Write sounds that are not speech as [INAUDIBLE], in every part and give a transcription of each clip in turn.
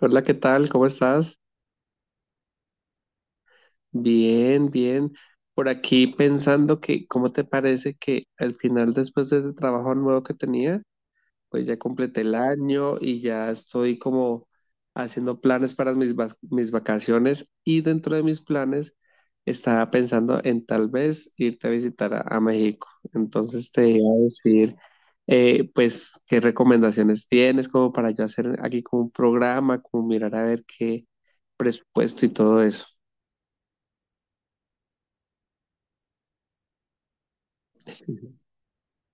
Hola, ¿qué tal? ¿Cómo estás? Bien, bien. Por aquí pensando que, ¿cómo te parece que al final, después de ese trabajo nuevo que tenía, pues ya completé el año y ya estoy como haciendo planes para mis vacaciones y dentro de mis planes estaba pensando en tal vez irte a visitar a México. Entonces te iba a decir, pues, qué recomendaciones tienes como para yo hacer aquí como un programa, como mirar a ver qué presupuesto y todo eso.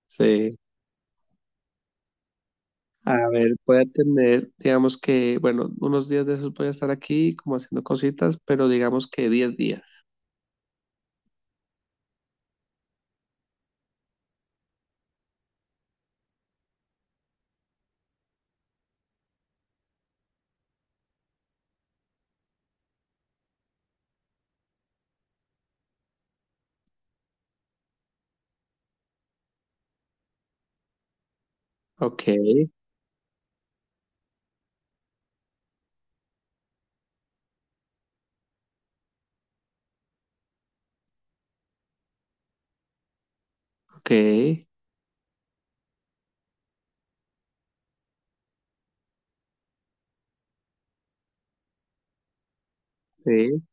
Sí. A ver, voy a tener, digamos que, bueno, unos días de esos voy a estar aquí como haciendo cositas, pero digamos que 10 días. Ok, ok, sí.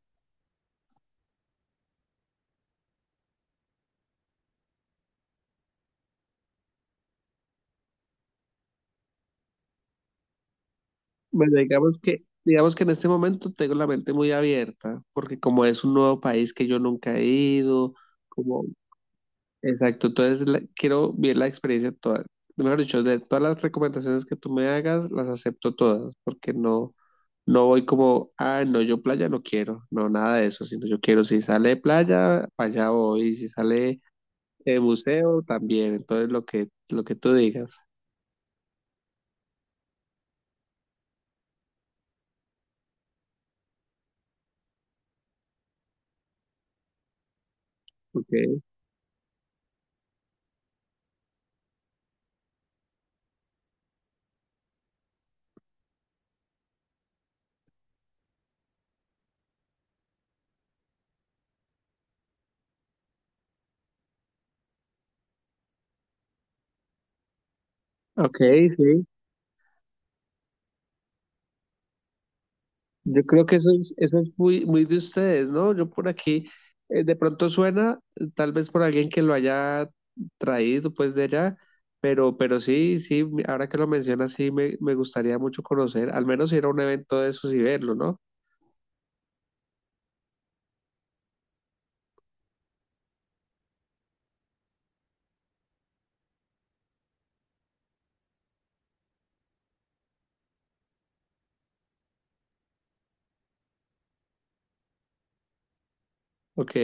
Bueno, digamos que en este momento tengo la mente muy abierta, porque como es un nuevo país que yo nunca he ido, como, exacto, entonces quiero ver la experiencia toda. Mejor dicho, de todas las recomendaciones que tú me hagas, las acepto todas, porque no, no voy como, ah, no, yo playa no quiero, no, nada de eso, sino yo quiero, si sale playa, para allá voy, y si sale museo, también, entonces lo que tú digas. Ok, ok, sí. Yo creo que eso es muy, muy de ustedes, ¿no? Yo por aquí, de pronto suena, tal vez por alguien que lo haya traído pues de allá, pero sí, sí, ahora que lo mencionas, sí, me gustaría mucho conocer, al menos ir a un evento de esos y verlo, ¿no? Ok,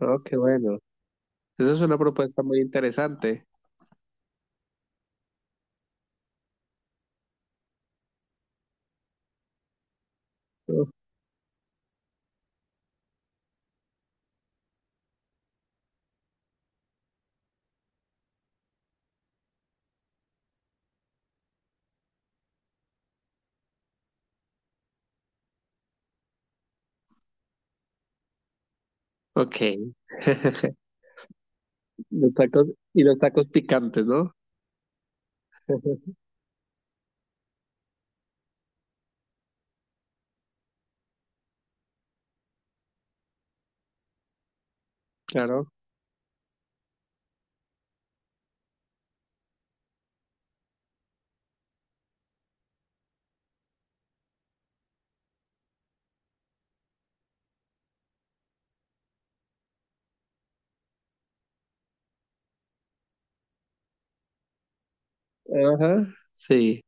oh, qué bueno. Esa es una propuesta muy interesante. Uh, Ok. [LAUGHS] Los tacos y los tacos picantes, ¿no? Claro. [LAUGHS] Ajá, sí.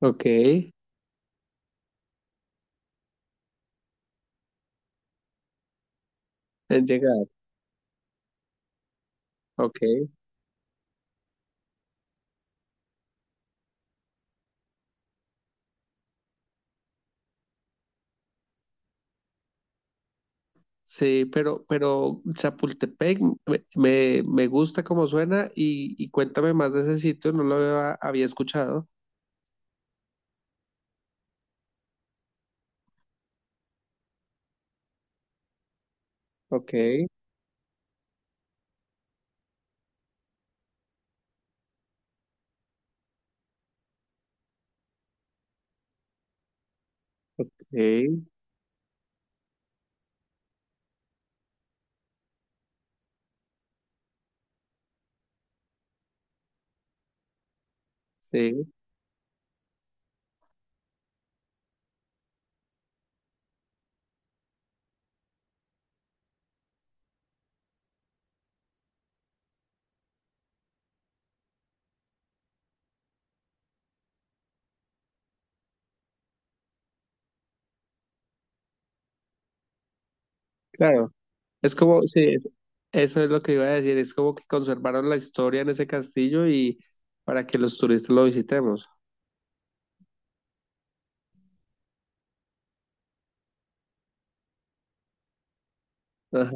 Ok. En llegar. Ok. Sí, pero Chapultepec me gusta como suena y cuéntame más de ese sitio, no lo había escuchado. Ok, sí, sí, claro. Es como, sí, eso es lo que iba a decir, es como que conservaron la historia en ese castillo y para que los turistas lo visitemos. Ajá,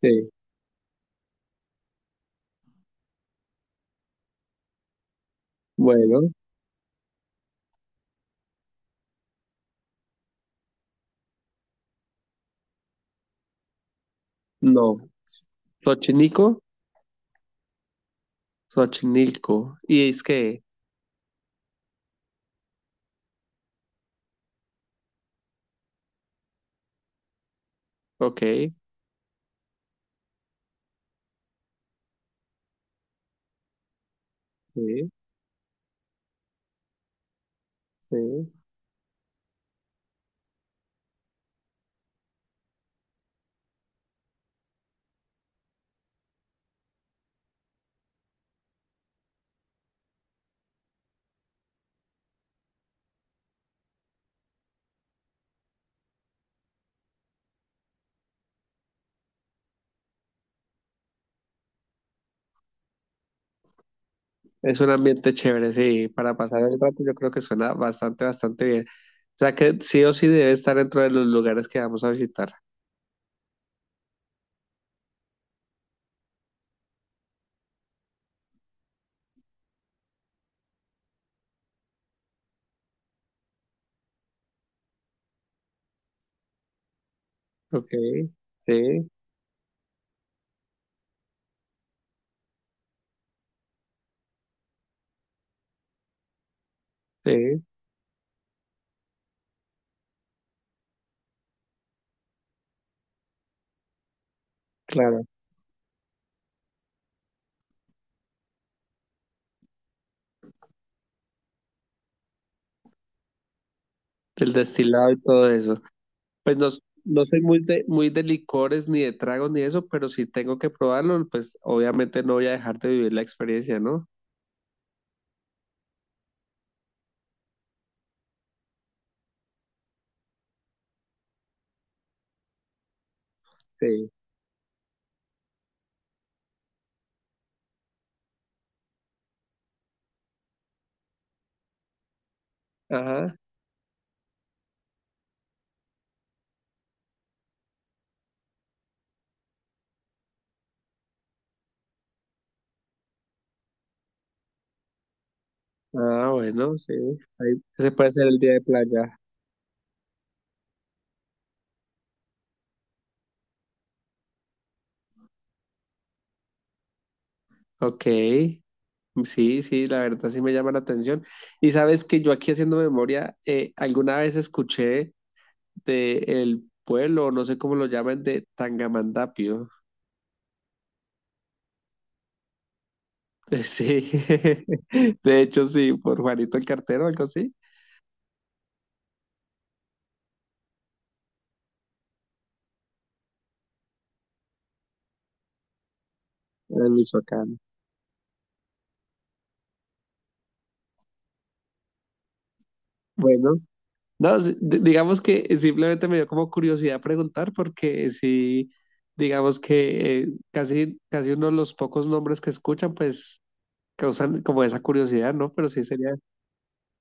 sí, bueno, no. Xochimilco, Xochimilco. Y es que, ok, sí, sí. Es un ambiente chévere, sí, para pasar el rato yo creo que suena bastante, bastante bien. O sea que sí o sí debe estar dentro de los lugares que vamos a visitar. Ok, sí, sí, claro. El destilado y todo eso. Pues no, no soy muy de licores ni de tragos ni eso, pero si tengo que probarlo, pues obviamente no voy a dejar de vivir la experiencia, ¿no? Sí. Ajá. Ah, bueno, sí. Ahí, ese puede ser el día de playa. Ok. Sí, sí, la verdad sí me llama la atención. Y sabes que yo aquí haciendo memoria, alguna vez escuché de el pueblo, no sé cómo lo llaman, de Tangamandapio. [LAUGHS] Sí, [LAUGHS] de hecho sí, por Juanito el Cartero, algo así, en Michoacán. Bueno, no, sí, digamos que simplemente me dio como curiosidad preguntar porque sí, digamos que casi, casi uno de los pocos nombres que escuchan, pues causan como esa curiosidad, ¿no? Pero sí sería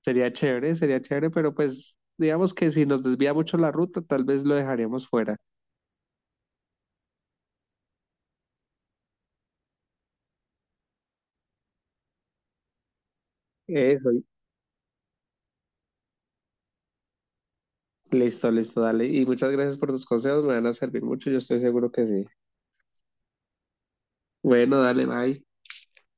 Sería chévere, sería chévere, pero pues digamos que si nos desvía mucho la ruta, tal vez lo dejaríamos fuera. Eso, listo, listo, dale. Y muchas gracias por tus consejos, me van a servir mucho, yo estoy seguro que sí. Bueno, dale, bye.